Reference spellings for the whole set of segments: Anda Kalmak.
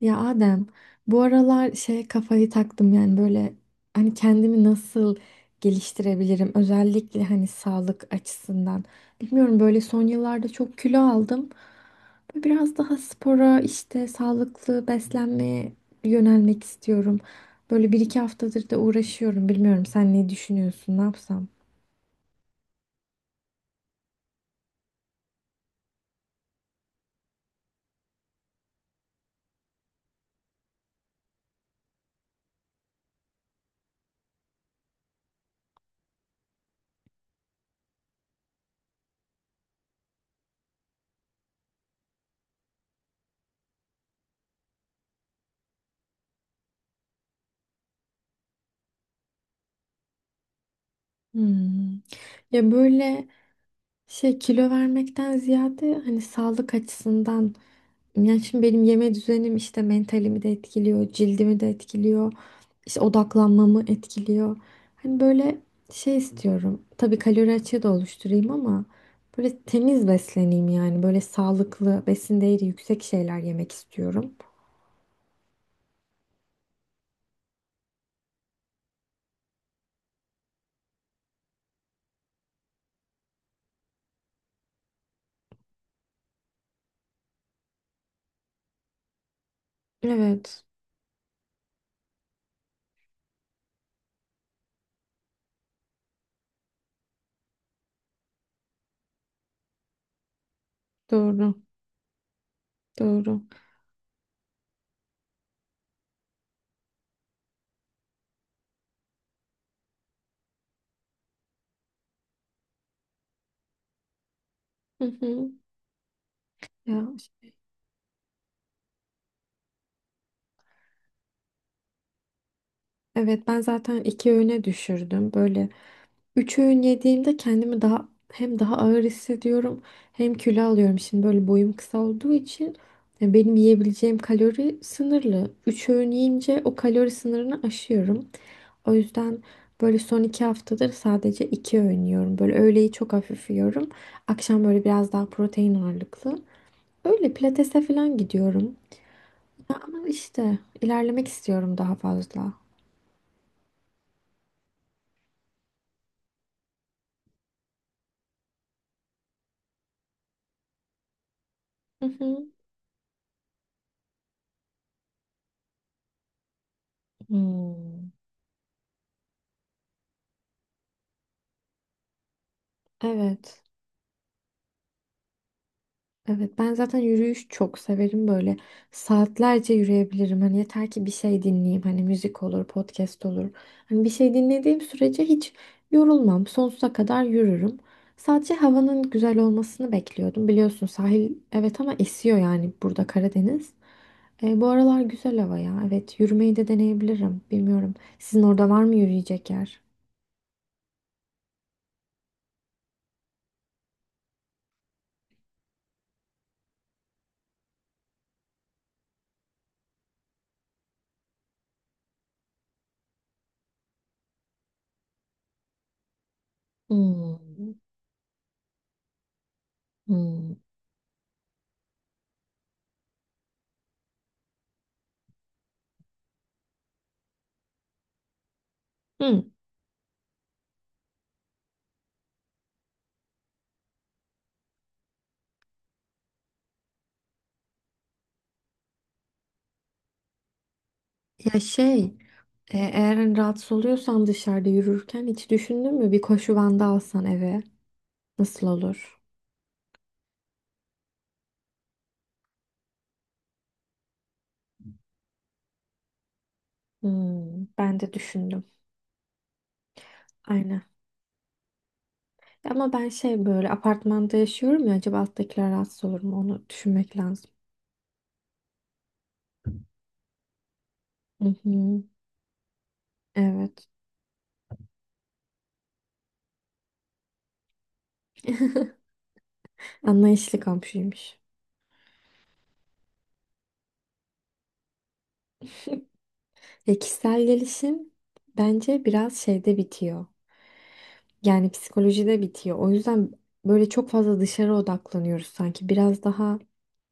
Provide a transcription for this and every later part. Ya Adem, bu aralar kafayı taktım, yani böyle hani kendimi nasıl geliştirebilirim, özellikle hani sağlık açısından. Bilmiyorum, böyle son yıllarda çok kilo aldım. Böyle biraz daha spora, işte sağlıklı beslenmeye yönelmek istiyorum. Böyle bir iki haftadır da uğraşıyorum. Bilmiyorum, sen ne düşünüyorsun, ne yapsam? Hmm. Ya böyle kilo vermekten ziyade hani sağlık açısından, yani şimdi benim yeme düzenim işte mentalimi de etkiliyor, cildimi de etkiliyor, işte odaklanmamı etkiliyor. Hani böyle istiyorum. Tabii kalori açığı da oluşturayım ama böyle temiz besleneyim, yani böyle sağlıklı, besin değeri yüksek şeyler yemek istiyorum. Evet, doğru, doğru. Hı hı. Ya, evet, ben zaten iki öğüne düşürdüm. Böyle üç öğün yediğimde kendimi daha hem daha ağır hissediyorum hem kilo alıyorum. Şimdi böyle boyum kısa olduğu için benim yiyebileceğim kalori sınırlı. Üç öğün yiyince o kalori sınırını aşıyorum. O yüzden böyle son iki haftadır sadece iki öğün yiyorum. Böyle öğleyi çok hafif yiyorum. Akşam böyle biraz daha protein ağırlıklı. Öyle pilatese falan gidiyorum. Ya ama işte ilerlemek istiyorum, daha fazla. Hı hı. Hmm. Evet. Evet, ben zaten yürüyüş çok severim. Böyle saatlerce yürüyebilirim, hani yeter ki bir şey dinleyeyim, hani müzik olur, podcast olur, hani bir şey dinlediğim sürece hiç yorulmam, sonsuza kadar yürürüm. Sadece havanın güzel olmasını bekliyordum, biliyorsun sahil, evet ama esiyor, yani burada Karadeniz. E, bu aralar güzel hava ya, evet, yürümeyi de deneyebilirim. Bilmiyorum, sizin orada var mı yürüyecek yer? Hmm, hmm. Hı. Ya eğer hani rahatsız oluyorsan dışarıda yürürken, hiç düşündün mü bir koşu bandı alsan eve, nasıl olur? Hmm, ben de düşündüm. Aynen. Ama ben böyle apartmanda yaşıyorum ya, acaba alttakiler rahatsız olur mu, onu düşünmek lazım. Hı hı. Evet. Anlayışlı komşuymuş. Ya, kişisel gelişim bence biraz bitiyor. Yani psikolojide bitiyor. O yüzden böyle çok fazla dışarı odaklanıyoruz sanki. Biraz daha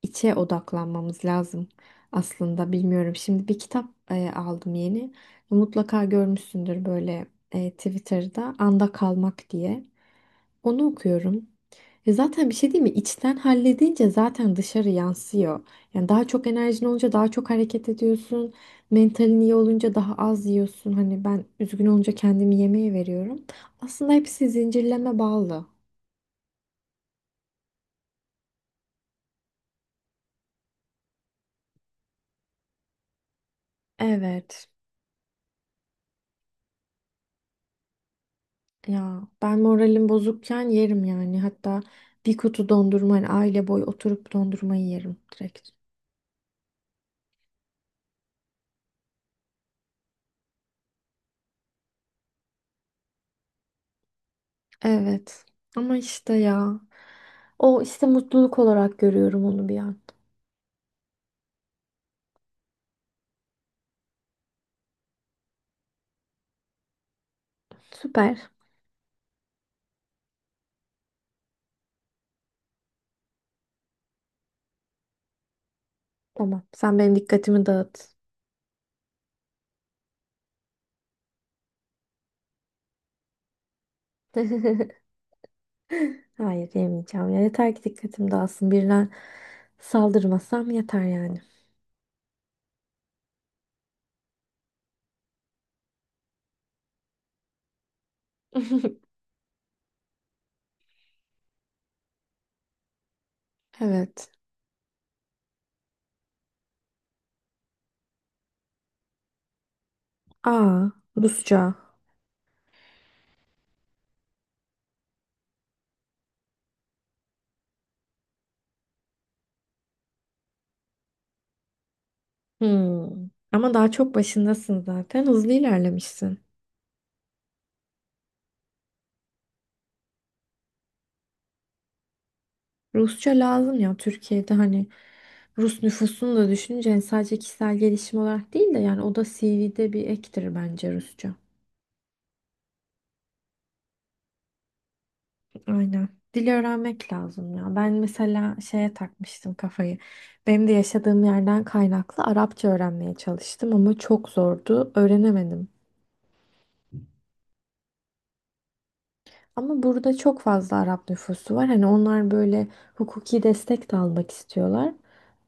içe odaklanmamız lazım aslında. Bilmiyorum. Şimdi bir kitap aldım yeni. Mutlaka görmüşsündür böyle, Twitter'da Anda Kalmak diye. Onu okuyorum. Ya zaten bir şey değil mi? İçten halledince zaten dışarı yansıyor. Yani daha çok enerjin olunca daha çok hareket ediyorsun. Mentalin iyi olunca daha az yiyorsun. Hani ben üzgün olunca kendimi yemeğe veriyorum. Aslında hepsi zincirleme bağlı. Evet. Ya ben moralim bozukken yerim yani. Hatta bir kutu dondurma, hani aile boyu, oturup dondurmayı yerim direkt. Evet. Ama işte ya. O işte, mutluluk olarak görüyorum onu bir an. Süper. Tamam. Sen benim dikkatimi dağıt. Hayır, yemeyeceğim. Ya yeter ki dikkatim dağılsın. Birine saldırmasam yeter yani. Evet. Aa, Rusça. Hmm. Ama daha çok başındasın zaten. Hızlı ilerlemişsin. Rusça lazım ya Türkiye'de, hani Rus nüfusunu da düşününce, hani sadece kişisel gelişim olarak değil de, yani o da CV'de bir ektir bence, Rusça. Aynen. Dil öğrenmek lazım ya. Ben mesela takmıştım kafayı. Benim de yaşadığım yerden kaynaklı Arapça öğrenmeye çalıştım ama çok zordu. Öğrenemedim. Ama burada çok fazla Arap nüfusu var. Hani onlar böyle hukuki destek de almak istiyorlar.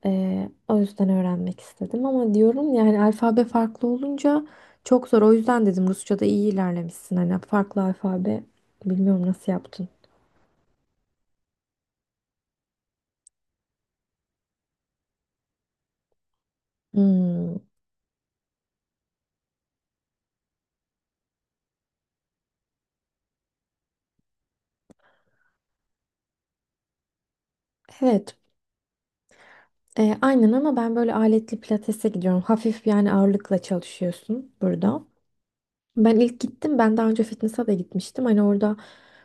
O yüzden öğrenmek istedim ama diyorum, yani alfabe farklı olunca çok zor. O yüzden dedim Rusça'da iyi ilerlemişsin. Hani farklı alfabe, bilmiyorum nasıl yaptın. Hmm. Evet. Aynen, ama ben böyle aletli pilatese gidiyorum. Hafif, yani ağırlıkla çalışıyorsun burada. Ben ilk gittim. Ben daha önce fitness'a da gitmiştim. Hani orada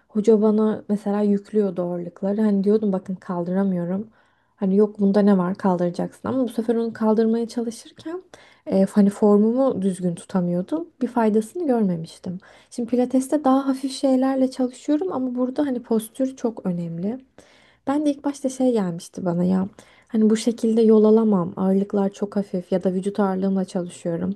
hoca bana mesela yüklüyordu ağırlıkları. Hani diyordum bakın kaldıramıyorum. Hani yok bunda ne var, kaldıracaksın. Ama bu sefer onu kaldırmaya çalışırken hani formumu düzgün tutamıyordum. Bir faydasını görmemiştim. Şimdi pilateste daha hafif şeylerle çalışıyorum ama burada hani postür çok önemli. Ben de ilk başta gelmişti bana ya. Hani bu şekilde yol alamam, ağırlıklar çok hafif ya da vücut ağırlığımla çalışıyorum.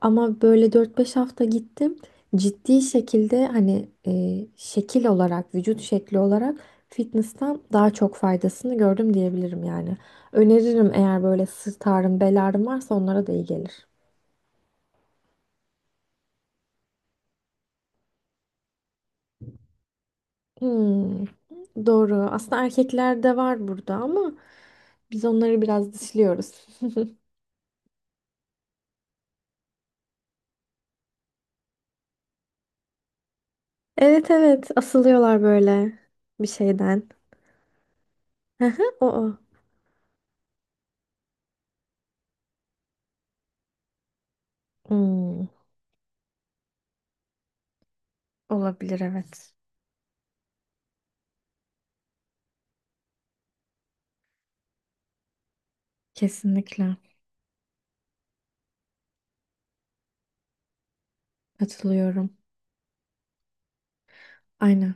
Ama böyle 4 5 hafta gittim. Ciddi şekilde hani, şekil olarak, vücut şekli olarak, fitness'tan daha çok faydasını gördüm diyebilirim yani. Öneririm, eğer böyle sırt ağrım, bel ağrım varsa onlara da iyi gelir. Hmm, doğru. Aslında erkeklerde var burada ama biz onları biraz dışlıyoruz. Evet, evet, asılıyorlar böyle bir şeyden. Hı hı, o o. Hmm, olabilir, evet. Kesinlikle katılıyorum. Aynen.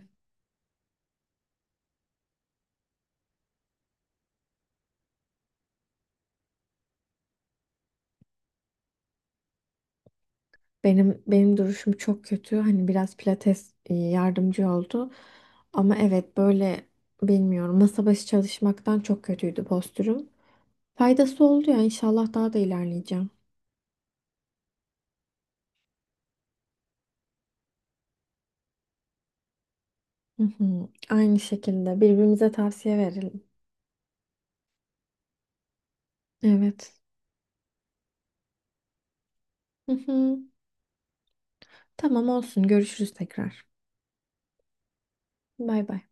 Benim duruşum çok kötü. Hani biraz pilates yardımcı oldu. Ama evet böyle, bilmiyorum, masa başı çalışmaktan çok kötüydü postürüm. Faydası oldu ya, inşallah daha da ilerleyeceğim. Hı hı. Aynı şekilde birbirimize tavsiye verelim. Evet. Hı hı. Tamam olsun. Görüşürüz tekrar. Bay bay.